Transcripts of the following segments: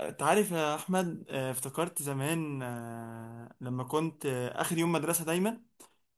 انت عارف يا احمد، افتكرت زمان، آه، لما كنت آه، اخر يوم مدرسه دايما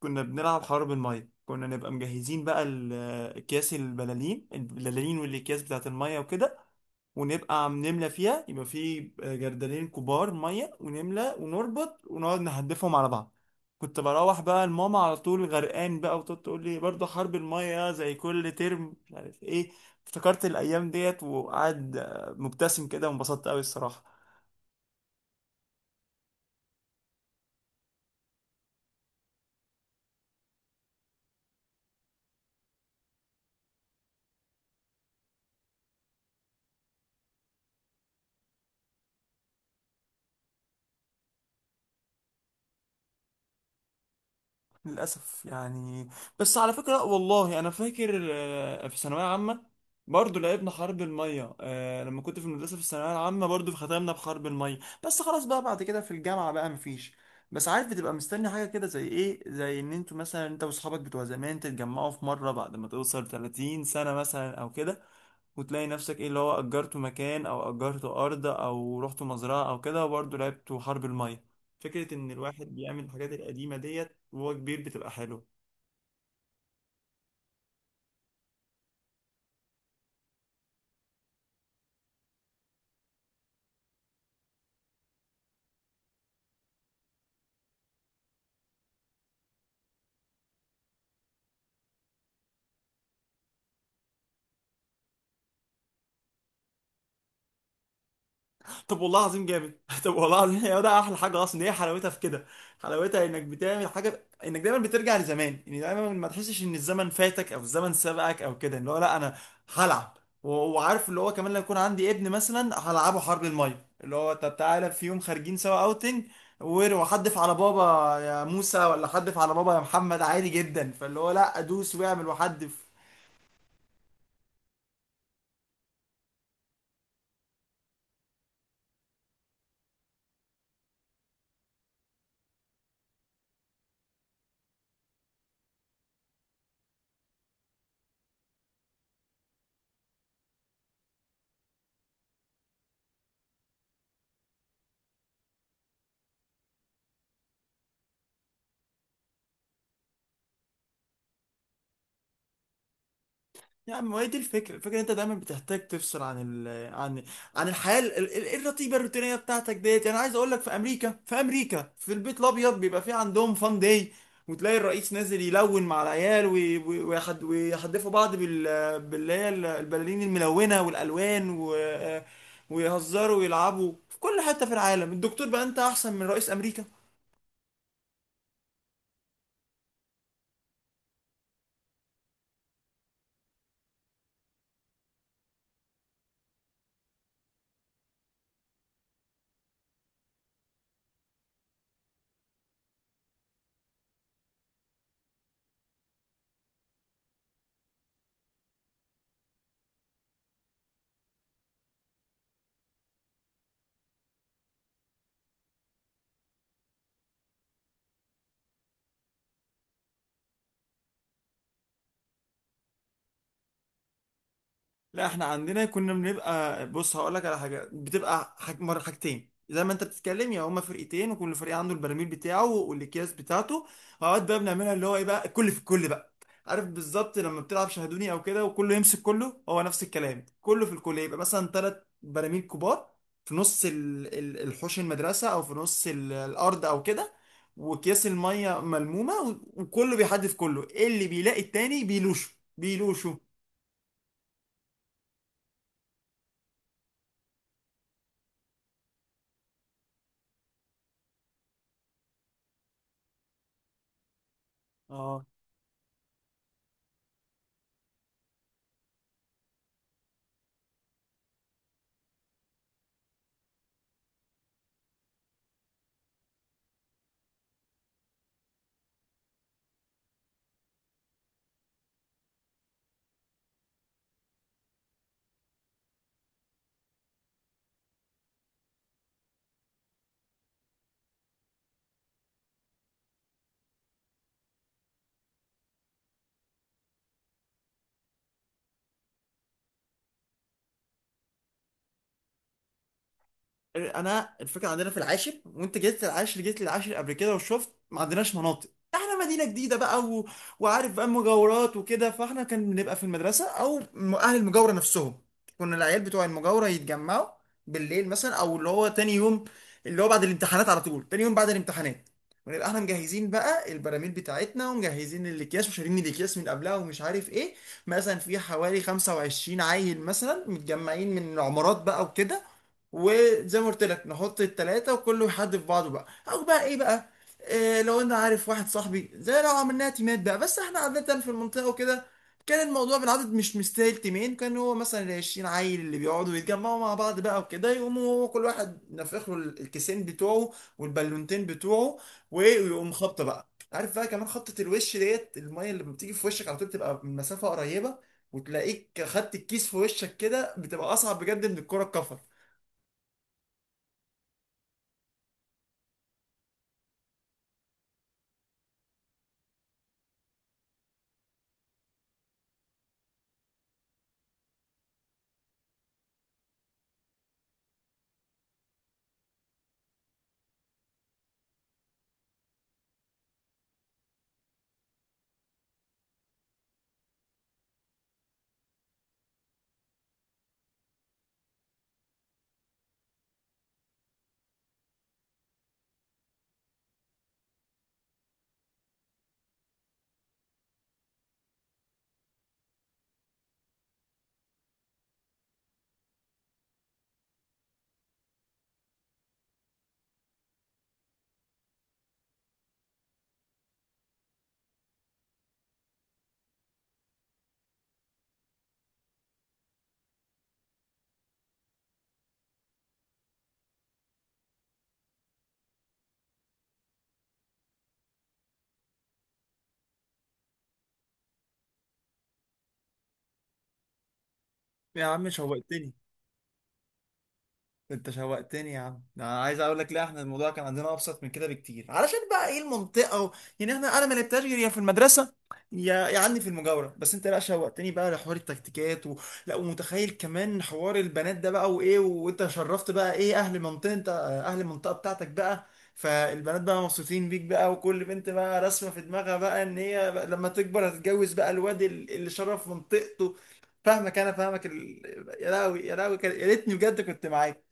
كنا بنلعب حرب الميه. كنا نبقى مجهزين بقى اكياس البلالين والاكياس بتاعت الميه وكده، ونبقى عم نملى فيها. يبقى في جردلين كبار ميه ونملى ونربط ونقعد نهدفهم على بعض. كنت بروح بقى لماما على طول غرقان بقى، وتقعد تقول لي برضه حرب الميه زي كل ترم مش عارف ايه. افتكرت الايام ديت وقعد مبتسم كده وانبسطت قوي الصراحه. للأسف يعني. بس على فكرة لأ والله أنا فاكر، في ثانوية عامة برضه لعبنا حرب المية. لما كنت في المدرسة في الثانوية العامة برضه ختمنا بحرب المية. بس خلاص بقى بعد كده في الجامعة بقى مفيش. بس عارف بتبقى مستني حاجة كده، زي إيه، زي إن أنتوا مثلا أنت وأصحابك بتوع زمان تتجمعوا في مرة بعد ما توصل 30 سنة مثلا أو كده، وتلاقي نفسك ايه، اللي هو اجرته مكان او اجرته ارض او رحت مزرعه او كده وبرضه لعبته حرب الميه. فكره ان الواحد بيعمل الحاجات القديمه ديت وهو كبير بتبقى حلوه. طب والله العظيم جامد. طب والله العظيم هي ده احلى حاجه اصلا، هي حلاوتها في كده. حلاوتها انك بتعمل حاجه، انك دايما بترجع لزمان. يعني دايما ما تحسش ان الزمن فاتك او الزمن سبقك او كده، اللي هو لا انا هلعب. وعارف اللي هو كمان لو يكون عندي ابن مثلا هلعبه حرب الميه، اللي هو طب تعالى في يوم خارجين سوا اوتنج، وحدف على بابا يا موسى ولا حدف على بابا يا محمد عادي جدا، فاللي هو لا ادوس واعمل وحدف. يا عم، ما هي دي الفكرة. الفكرة إن انت دايما بتحتاج تفصل عن ال عن عن الحياة الرتيبة الروتينية بتاعتك ديت. يعني عايز اقول لك، في امريكا، في البيت الابيض بيبقى في عندهم فان داي، وتلاقي الرئيس نازل يلون مع العيال، ويحدفوا بعض باللي هي البلالين الملونة والالوان ويهزروا ويلعبوا. في كل حتة في العالم الدكتور بقى انت احسن من رئيس امريكا. لا احنا عندنا كنا بنبقى. بص هقول لك على حاجه، بتبقى حاجتين. زي ما انت بتتكلم، يا هما فرقتين، وكل فريق عنده البراميل بتاعه والاكياس بتاعته. اوقات بقى بنعملها اللي هو ايه بقى، الكل في الكل بقى. عارف بالظبط لما بتلعب شاهدوني او كده، وكله يمسك كله، هو نفس الكلام، كله في الكل. يبقى مثلا ثلاث براميل كبار في نص الحوش المدرسه او في نص الارض او كده، واكياس الميه ملمومه وكله بيحدف كله. إيه اللي بيلاقي التاني بيلوشه، بيلوشه. انا الفكره عندنا في العاشر، وانت جيت للعاشر. جيت للعاشر قبل كده وشفت ما عندناش مناطق. احنا مدينه جديده بقى، و... وعارف بقى مجاورات وكده. فاحنا كان بنبقى في المدرسه او اهل المجاوره نفسهم. كنا العيال بتوع المجاوره يتجمعوا بالليل مثلا، او اللي هو تاني يوم، اللي هو بعد الامتحانات على طول تاني يوم بعد الامتحانات. ونبقى احنا مجهزين بقى البراميل بتاعتنا، ومجهزين الاكياس وشارين الاكياس من قبلها ومش عارف ايه. مثلا في حوالي 25 عيل مثلا متجمعين من عمارات بقى وكده. وزي ما قلت لك نحط التلاتة وكله يحدف في بعضه بقى، او بقى ايه بقى. إيه، لو انا عارف واحد صاحبي، زي لو عملناها تيمات بقى، بس احنا عادة في المنطقة وكده كان الموضوع بالعدد مش مستاهل تيمين. كان هو مثلا العشرين عيل اللي بيقعدوا يتجمعوا مع بعض بقى وكده، يقوموا هو كل واحد نفخ له الكيسين بتوعه والبالونتين بتوعه وإيه، ويقوم خبطة بقى. عارف بقى، كمان خبطة الوش ديت، المية اللي بتيجي في وشك على طول بتبقى من مسافة قريبة. وتلاقيك خدت الكيس في وشك كده، بتبقى أصعب بجد من الكرة الكفر. يا عم شوقتني. انت شوقتني يا عم. انا عايز اقول لك، لا احنا الموضوع كان عندنا ابسط من كده بكتير، علشان بقى ايه، المنطقه و... يعني احنا، انا ما لعبتهاش غير يا في المدرسه، يا عني في المجاوره. بس انت لا شوقتني بقى لحوار التكتيكات و... لا، ومتخيل كمان حوار البنات ده بقى، وايه، وانت شرفت بقى ايه اهل المنطقه، انت اهل المنطقه بتاعتك بقى. فالبنات بقى مبسوطين بيك بقى، وكل بنت بقى راسمه في دماغها بقى ان هي بقى لما تكبر هتتجوز بقى الواد اللي شرف منطقته. فاهمك، انا فاهمك ال... يا راوي يا راوي، يا ريتني بجد كنت معاك.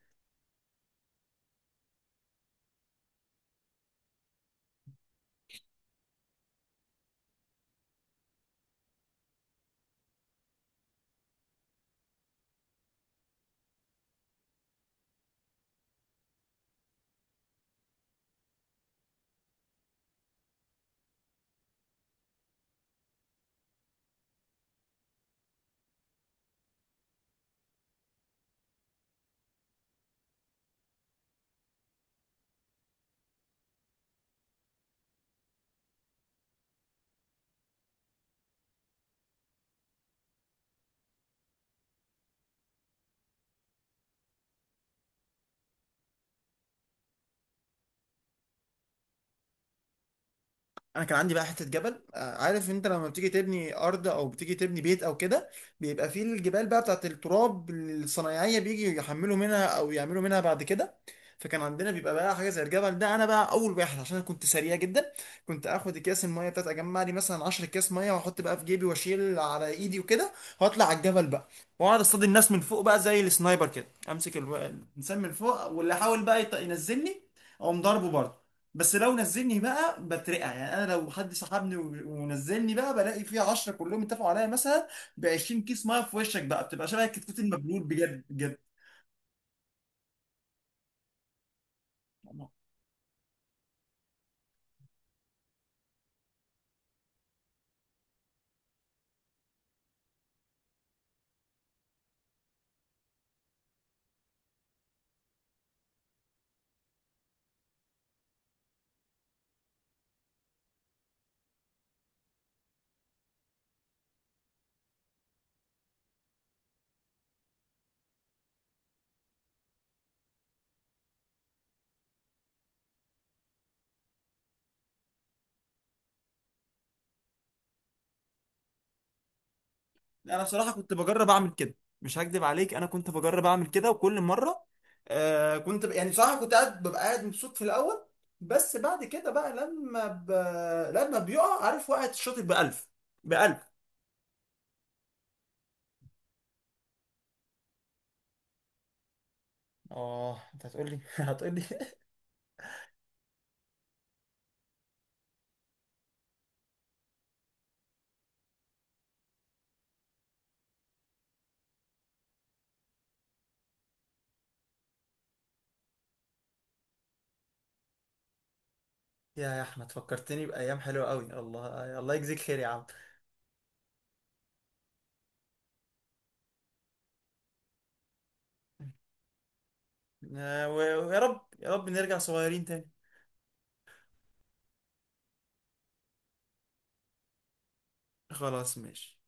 انا كان عندي بقى حته جبل. عارف انت لما بتيجي تبني ارض او بتيجي تبني بيت او كده، بيبقى فيه الجبال بقى بتاعت التراب، الصنايعيه بيجي يحملوا منها او يعملوا منها بعد كده. فكان عندنا بيبقى بقى حاجه زي الجبل ده. انا بقى اول واحد، عشان انا كنت سريع جدا، كنت اخد اكياس الميه بتاعت، اجمع لي مثلا 10 اكياس ميه واحط بقى في جيبي واشيل على ايدي وكده، واطلع على الجبل بقى. واقعد اصطاد الناس من فوق بقى زي السنايبر كده، امسك الانسان من فوق، واللي يحاول بقى ينزلني اقوم ضربه برضه. بس لو نزلني بقى بترقع، يعني انا لو حد سحبني ونزلني بقى، بلاقي فيه 10 كلهم اتفقوا عليا مثلا، ب 20 كيس ميه في وشك بقى، بتبقى شبه الكتكوت المبلول بجد بجد. انا بصراحه كنت بجرب اعمل كده. مش هكدب عليك، انا كنت بجرب اعمل كده وكل مره. يعني بصراحه كنت قاعد، ببقى قاعد مبسوط في الاول، بس بعد كده بقى لما بيقع، عارف، وقعت الشاطئ ب 1000، ب 1000. اه انت هتقول لي. يا احمد فكرتني بايام حلوه قوي. الله، الله يجزيك خير يا عم. ويا رب، يا رب نرجع صغيرين تاني. خلاص ماشي.